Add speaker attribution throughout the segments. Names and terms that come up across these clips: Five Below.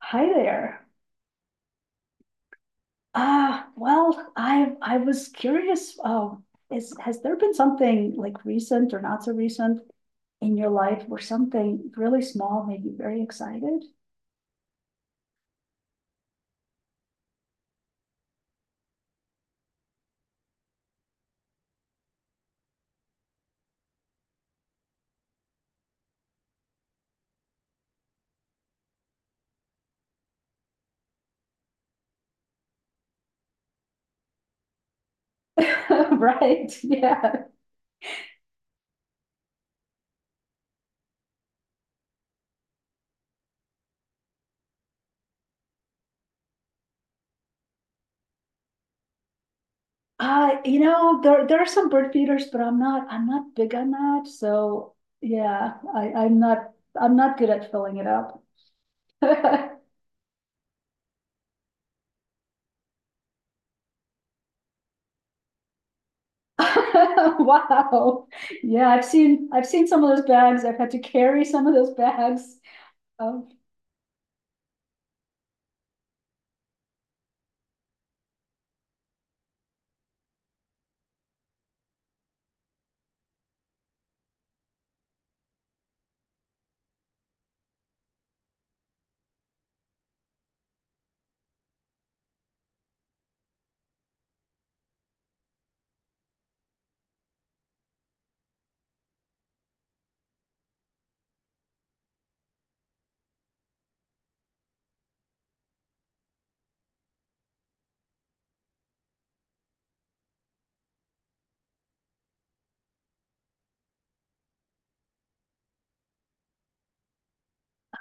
Speaker 1: Hi there. I was curious, is has there been something like recent or not so recent in your life where something really small made you very excited? Right. Yeah. You know, there are some bird feeders, but I'm not big on that. So yeah, I'm not good at filling it up. Wow. Yeah, I've seen some of those bags. I've had to carry some of those bags. Um,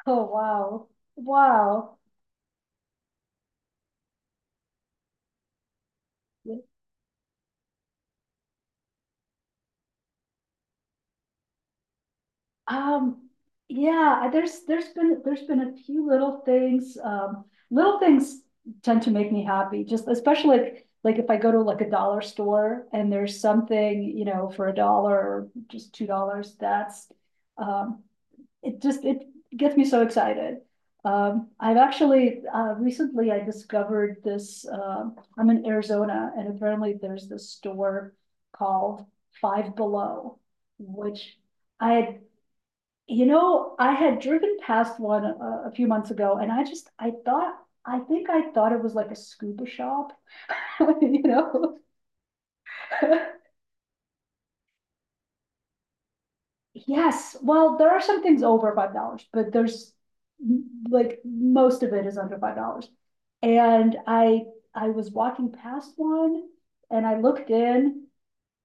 Speaker 1: oh wow. Wow. Um, yeah, there's been a few little things. Little things tend to make me happy. Just especially like if I go to like a dollar store and there's something you know for a dollar or just $2. That's um, it. Just it gets me so excited. I've actually recently I discovered this. I'm in Arizona, and apparently there's this store called Five Below, which I had you know, I had driven past one a few months ago, and I think I thought it was like a scuba shop, you know. Yes, well, there are some things over $5, but there's like most of it is under $5. And I was walking past one and I looked in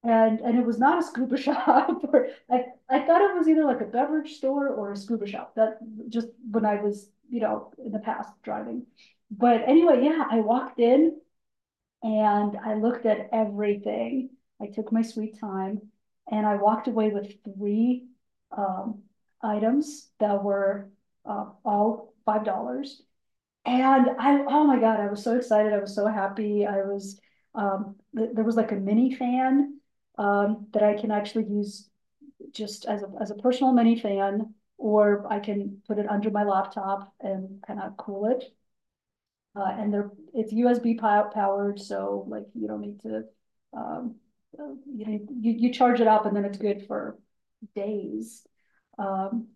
Speaker 1: and it was not a scuba shop or I thought it was either like a beverage store or a scuba shop that just when I was you know in the past driving. But anyway, yeah, I walked in and I looked at everything, I took my sweet time and I walked away with 3 um, items that were all $5. And oh my God, I was so excited. I was so happy. There was like a mini fan that I can actually use just as as a personal mini fan, or I can put it under my laptop and kind of cool it. It's USB powered, so like you don't need to, um, you know, you charge it up and then it's good for days. Um,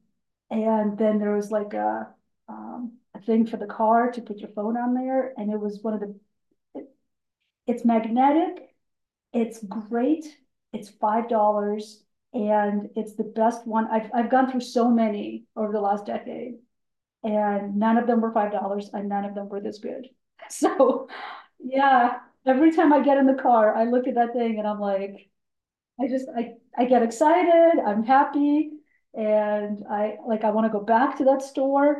Speaker 1: and then there was like a thing for the car to put your phone on there, and it was one of it- it's magnetic, it's great, it's $5. And it's the best one. I've gone through so many over the last decade, and none of them were $5 and none of them were this good. So, yeah, every time I get in the car, I look at that thing and I'm like, I just, I, I get excited, I'm happy. And I want to go back to that store.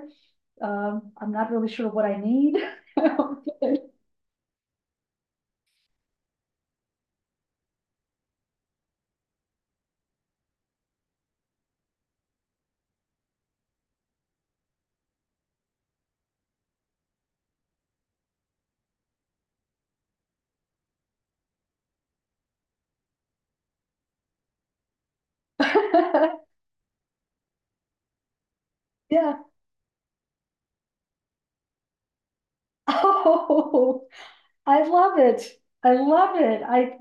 Speaker 1: I'm not really sure what I need. Oh, yeah. Oh, I love it. I love it. I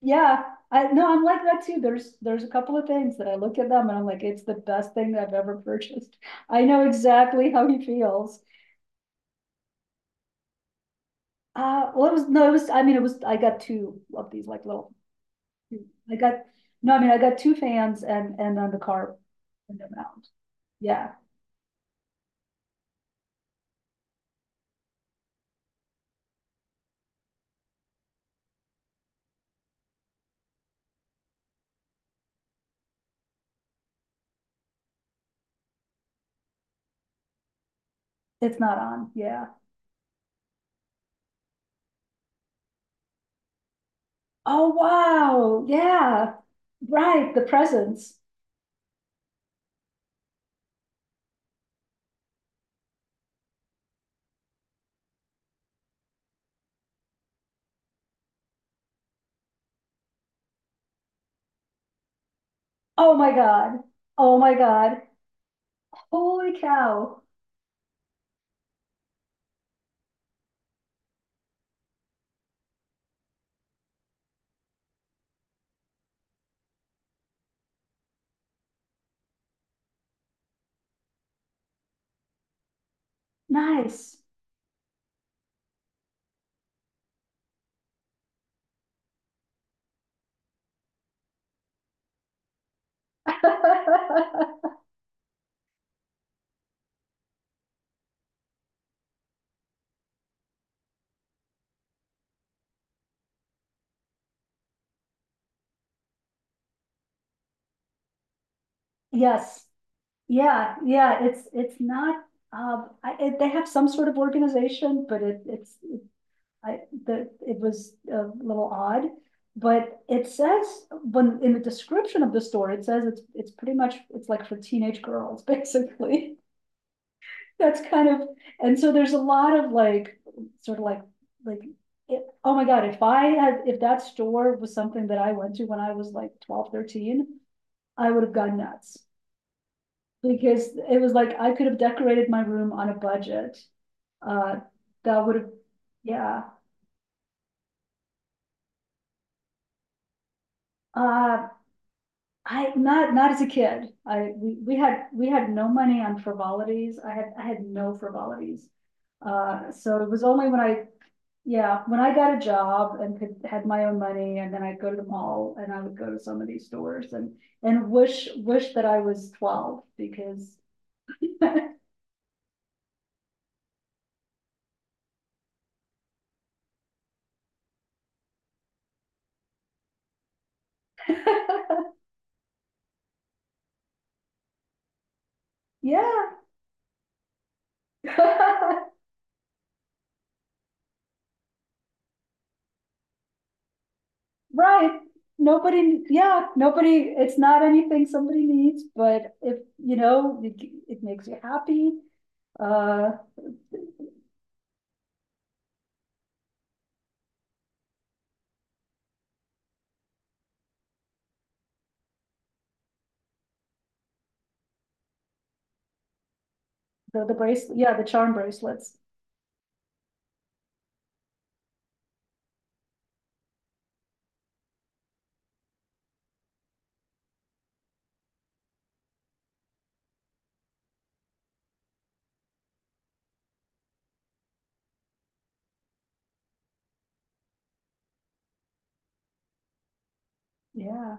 Speaker 1: Yeah, I no, I'm like that too. There's a couple of things that I look at them and I'm like, it's the best thing I've ever purchased. I know exactly how he feels. Well, it was no, it was. I mean, it was. I got two of these like little. I got No, I mean, I got two fans and then the car and the mount. Yeah, it's not on. Yeah. Oh wow. Yeah. Right. The presents. Oh my God. Oh my God. Holy cow. Nice. Yes, yeah, yeah. It's not. I, it, They have some sort of organization, but it's I the it was a little odd. But it says when in the description of the store, it says it's pretty much it's like for teenage girls, basically. That's kind of and so there's a lot of sort of like like oh my God, if I had, if that store was something that I went to when I was like 12, 13, I would have gone nuts because it was like I could have decorated my room on a budget. Uh, that would have, yeah. Uh, I not not as a kid. I we had no money on frivolities. I had no frivolities. So it was only when I yeah, when I got a job and could had my own money, and then I'd go to the mall and I would go to some of these stores and wish, that I was 12 because yeah. Right. Nobody, yeah, nobody, it's not anything somebody needs, but if, you know, it makes you happy. Uh, the, bracelet, yeah, the charm bracelets. Yeah,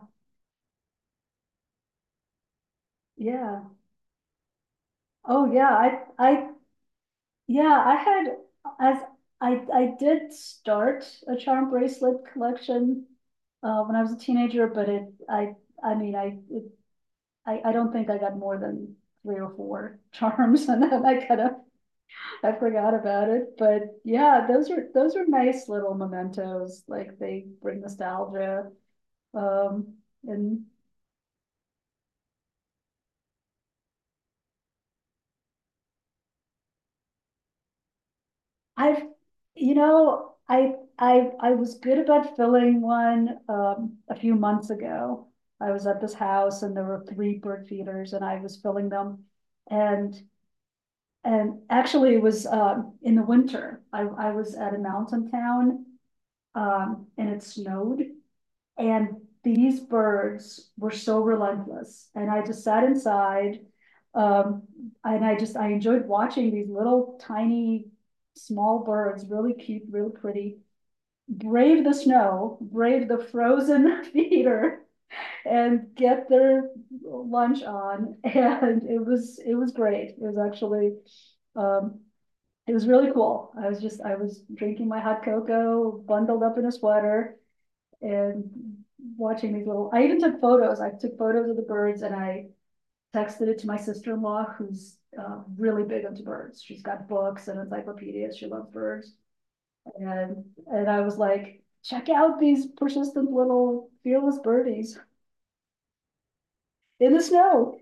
Speaker 1: yeah. Oh, yeah. Yeah, I had, as I did start a charm bracelet collection when I was a teenager, but it, I, I mean, I, it, I don't think I got more than three or four charms, and then I kind of I forgot about it. But yeah, those are nice little mementos. Like they bring nostalgia. Um, and I've, you know, I was good about filling one a few months ago. I was at this house and there were 3 bird feeders, and I was filling them, and actually it was in the winter. I was at a mountain town, and it snowed. And these birds were so relentless. And I just sat inside. Um, and I just I enjoyed watching these little tiny small birds, really cute, really pretty, brave the snow, brave the frozen theater, and get their lunch on. And it was great. It was actually um, it was really cool. I was drinking my hot cocoa, bundled up in a sweater, and watching these little, I even took photos. I took photos of the birds and I texted it to my sister-in-law, who's really big into birds. She's got books and encyclopedias. She loves birds. And I was like, check out these persistent little fearless birdies in the snow.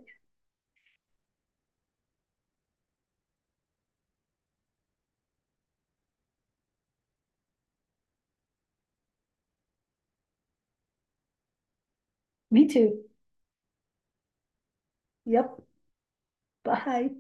Speaker 1: Me too. Yep. Bye.